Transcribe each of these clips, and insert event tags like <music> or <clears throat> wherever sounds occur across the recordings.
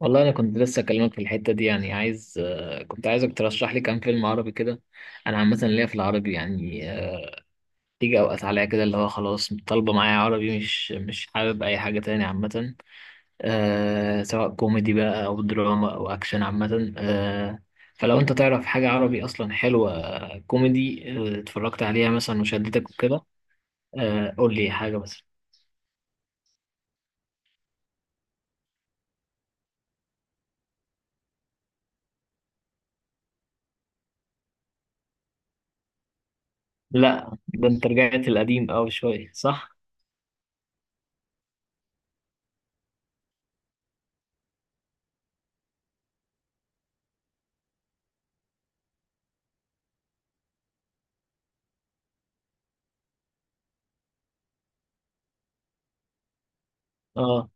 والله انا كنت لسه اكلمك في الحته دي يعني عايز آه، كنت عايزك ترشح لي كام فيلم عربي كده. انا عامه ليا في العربي يعني تيجي اوقات عليا كده اللي هو خلاص طالبه معايا عربي مش حابب اي حاجه تاني عامه. سواء كوميدي بقى او دراما او اكشن عامه. فلو انت تعرف حاجه عربي اصلا حلوه كوميدي اتفرجت عليها مثلا وشدتك وكده. قول لي حاجه بس. لا، ده انت رجعت القديم قوي شويه، صح؟ اه.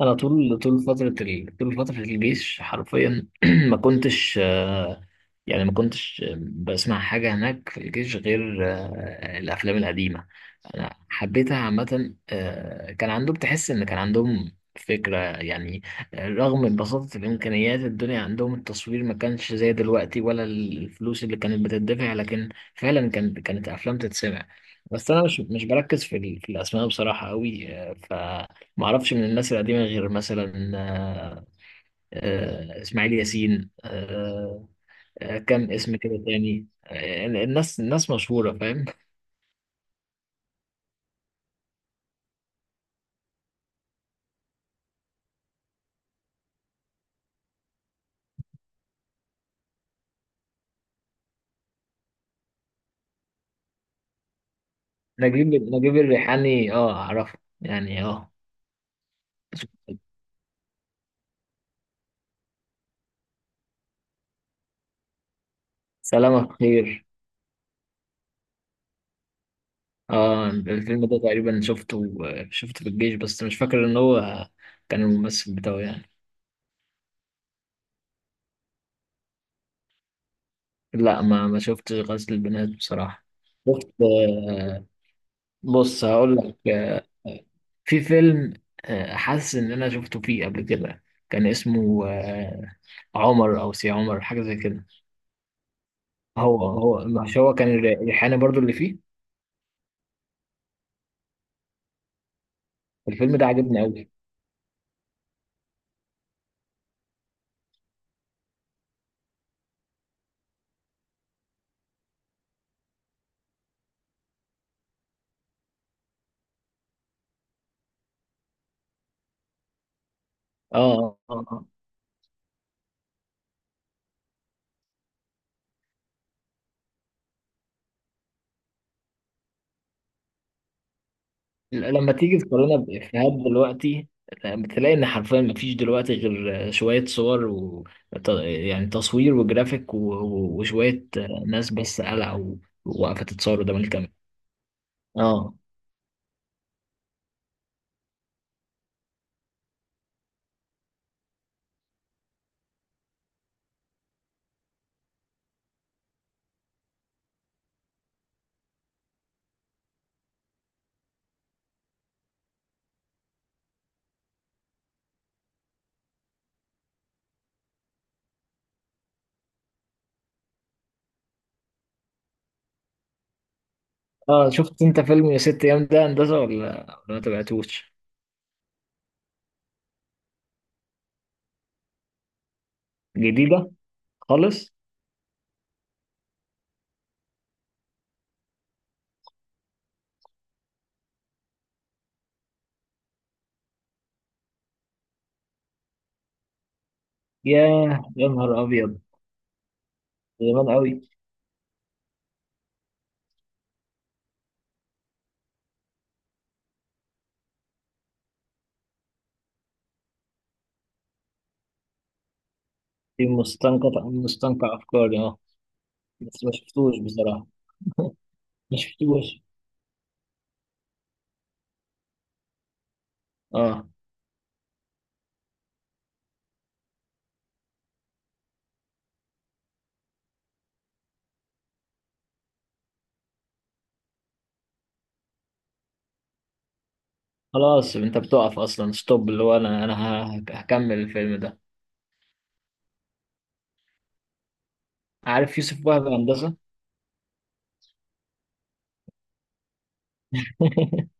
انا طول فتره الجيش حرفيا <clears throat> ما كنتش، يعني ما كنتش بسمع حاجه هناك في الجيش غير الافلام القديمه. انا حبيتها عامه، كان عندهم تحس ان كان عندهم فكره يعني. رغم من بساطه الامكانيات الدنيا عندهم، التصوير ما كانش زي دلوقتي ولا الفلوس اللي كانت بتدفع، لكن فعلا كانت افلام تتسمع. بس انا مش بركز في الاسماء بصراحه قوي. ف ما اعرفش من الناس القديمه غير مثلا اسماعيل ياسين. كم اسم كده تاني، الناس مشهوره، فاهم. نجيب الريحاني، اه، اعرفه يعني. اه. سلامة خير. اه، الفيلم ده تقريبا شفته في الجيش، بس مش فاكر ان هو كان الممثل بتاعه يعني. لا، ما شفتش غزل البنات بصراحه. شفت بص هقول لك. في فيلم، حاسس ان انا شفته فيه قبل كده، كان اسمه عمر او سي عمر حاجه زي كده. هو مش هو كان ريحانه برضو اللي فيه؟ الفيلم ده عجبني قوي. اه، اه، آه. آه. لما تيجي تقارنها بافيهات دلوقتي، بتلاقي ان حرفيا مفيش دلوقتي غير شويه صور، يعني تصوير وجرافيك وشويه ناس بس قلعوا وواقفه تتصور قدام الكاميرا. اه، اه، شفت انت فيلم يا ست ايام ده، هندسه ولا ما تبعتوش؟ جديدة خالص. ياه، يا نهار أبيض! زمان أوي. في مستنقع أفكاري. بس ما شفتوش بصراحة، ما شفتوش. أه خلاص، أنت بتقف أصلا ستوب اللي هو أنا هكمل الفيلم ده. عارف يوسف وهبي، هندسة؟ <laughs>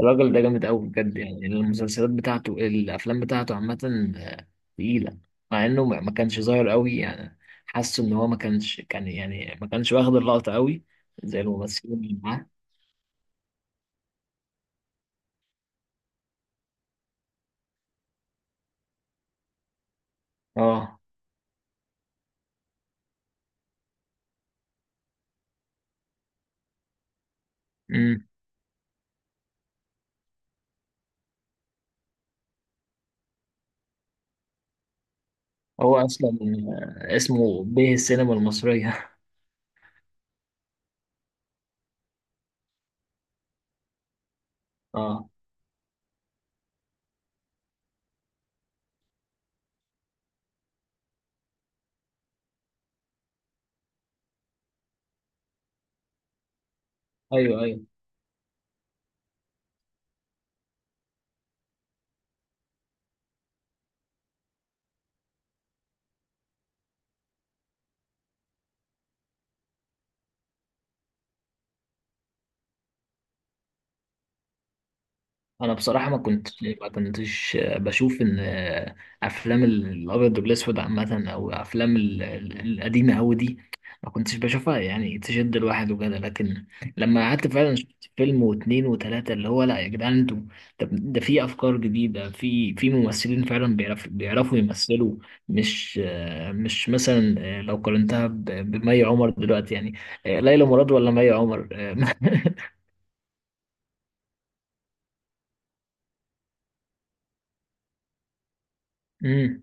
الراجل ده جامد أوي بجد، يعني المسلسلات بتاعته الأفلام بتاعته عامة آه، تقيلة. مع إنه ما كانش ظاهر أوي يعني. حاسه إن هو ما كانش كان يعني ما كانش واخد اللقطة أوي، زي الممثلين اللي معاه. أه. هو اصلا اسمه به السينما المصريه. <laughs> اه، ايوه، ايوه. انا بصراحه ما كنتش بشوف ان افلام الابيض والاسود عامه او افلام القديمه قوي دي، ما كنتش بشوفها يعني تشد الواحد وكده. لكن لما قعدت فعلا شفت فيلم واتنين وتلاته اللي هو لا يا جدعان انتوا. طب ده في افكار جديده، في ممثلين فعلا بيعرفوا يمثلوا. مش مش مثلا لو قارنتها بمي عمر دلوقتي يعني. ليلى مراد ولا مي عمر؟ <laughs> امم.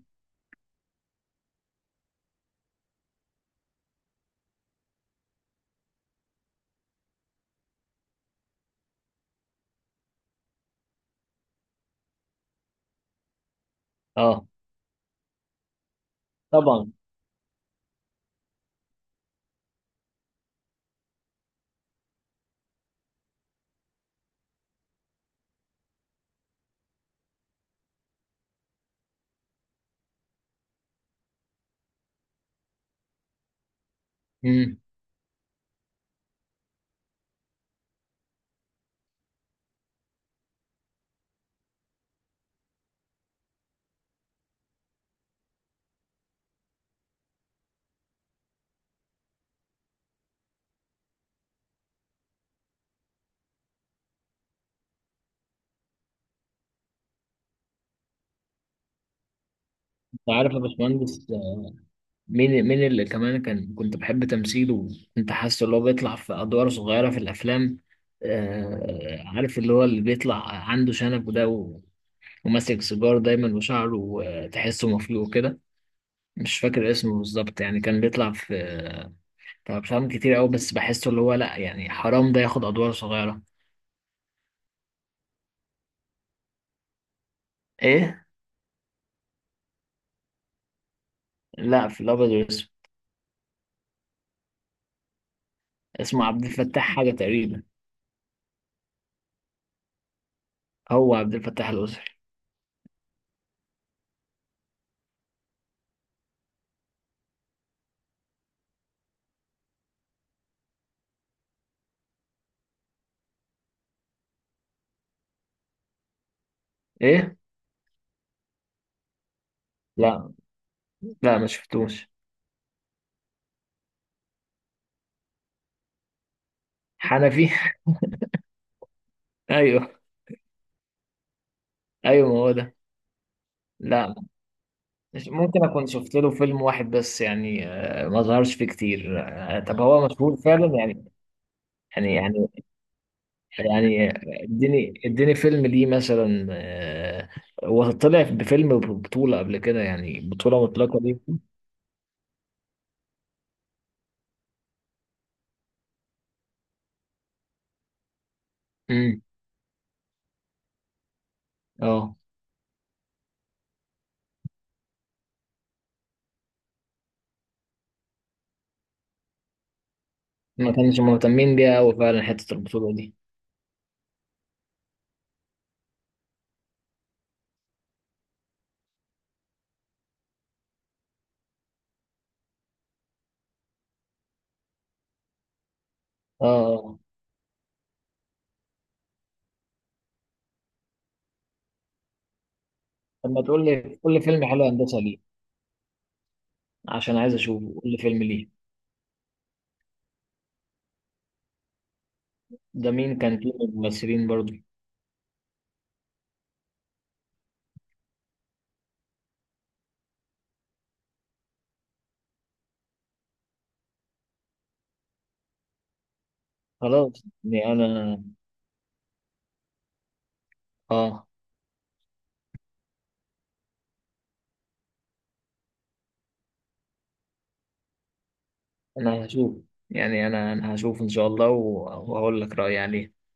اه، طبعا. عارف يا باشمهندس، مين اللي كمان كنت بحب تمثيله، كنت حاسس اللي هو بيطلع في أدوار صغيرة في الأفلام. عارف اللي هو اللي بيطلع عنده شنب وده، وماسك سيجار دايما، وشعره تحسه مفلوق كده. مش فاكر اسمه بالظبط يعني، كان بيطلع في أفلام كتير أوي، بس بحسه اللي هو لأ يعني حرام ده ياخد أدوار صغيرة. إيه؟ لأ، في الأبيض والأسود. اسمه عبد الفتاح حاجة تقريبا. هو عبد الفتاح الأسري؟ إيه؟ لأ، لأ، ما شفتوش. حنفي. ايوه، ايوه، ما هو ده. لا، مش ممكن اكون شفت له فيلم واحد بس يعني، ما ظهرش فيه كتير. طب هو مشهور فعلا يعني؟ يعني. يعني. اديني اديني فيلم ليه مثلا، هو طلع بفيلم بطولة قبل كده، يعني بطولة مطلقة دي؟ امم. اه. ما كانش مهتمين بيها قوي فعلا حتة البطولة دي. اه. آه. طب ما تقول لي قول لي فيلم حلو هندسة ليه، عشان عايز اشوفه، قول لي فيلم ليه. ده مين كان فيه من الممثلين برضه؟ خلاص. يعني اه انا هشوف. يعني انا هشوف ان شاء الله، وهقول لك رأيي عليه.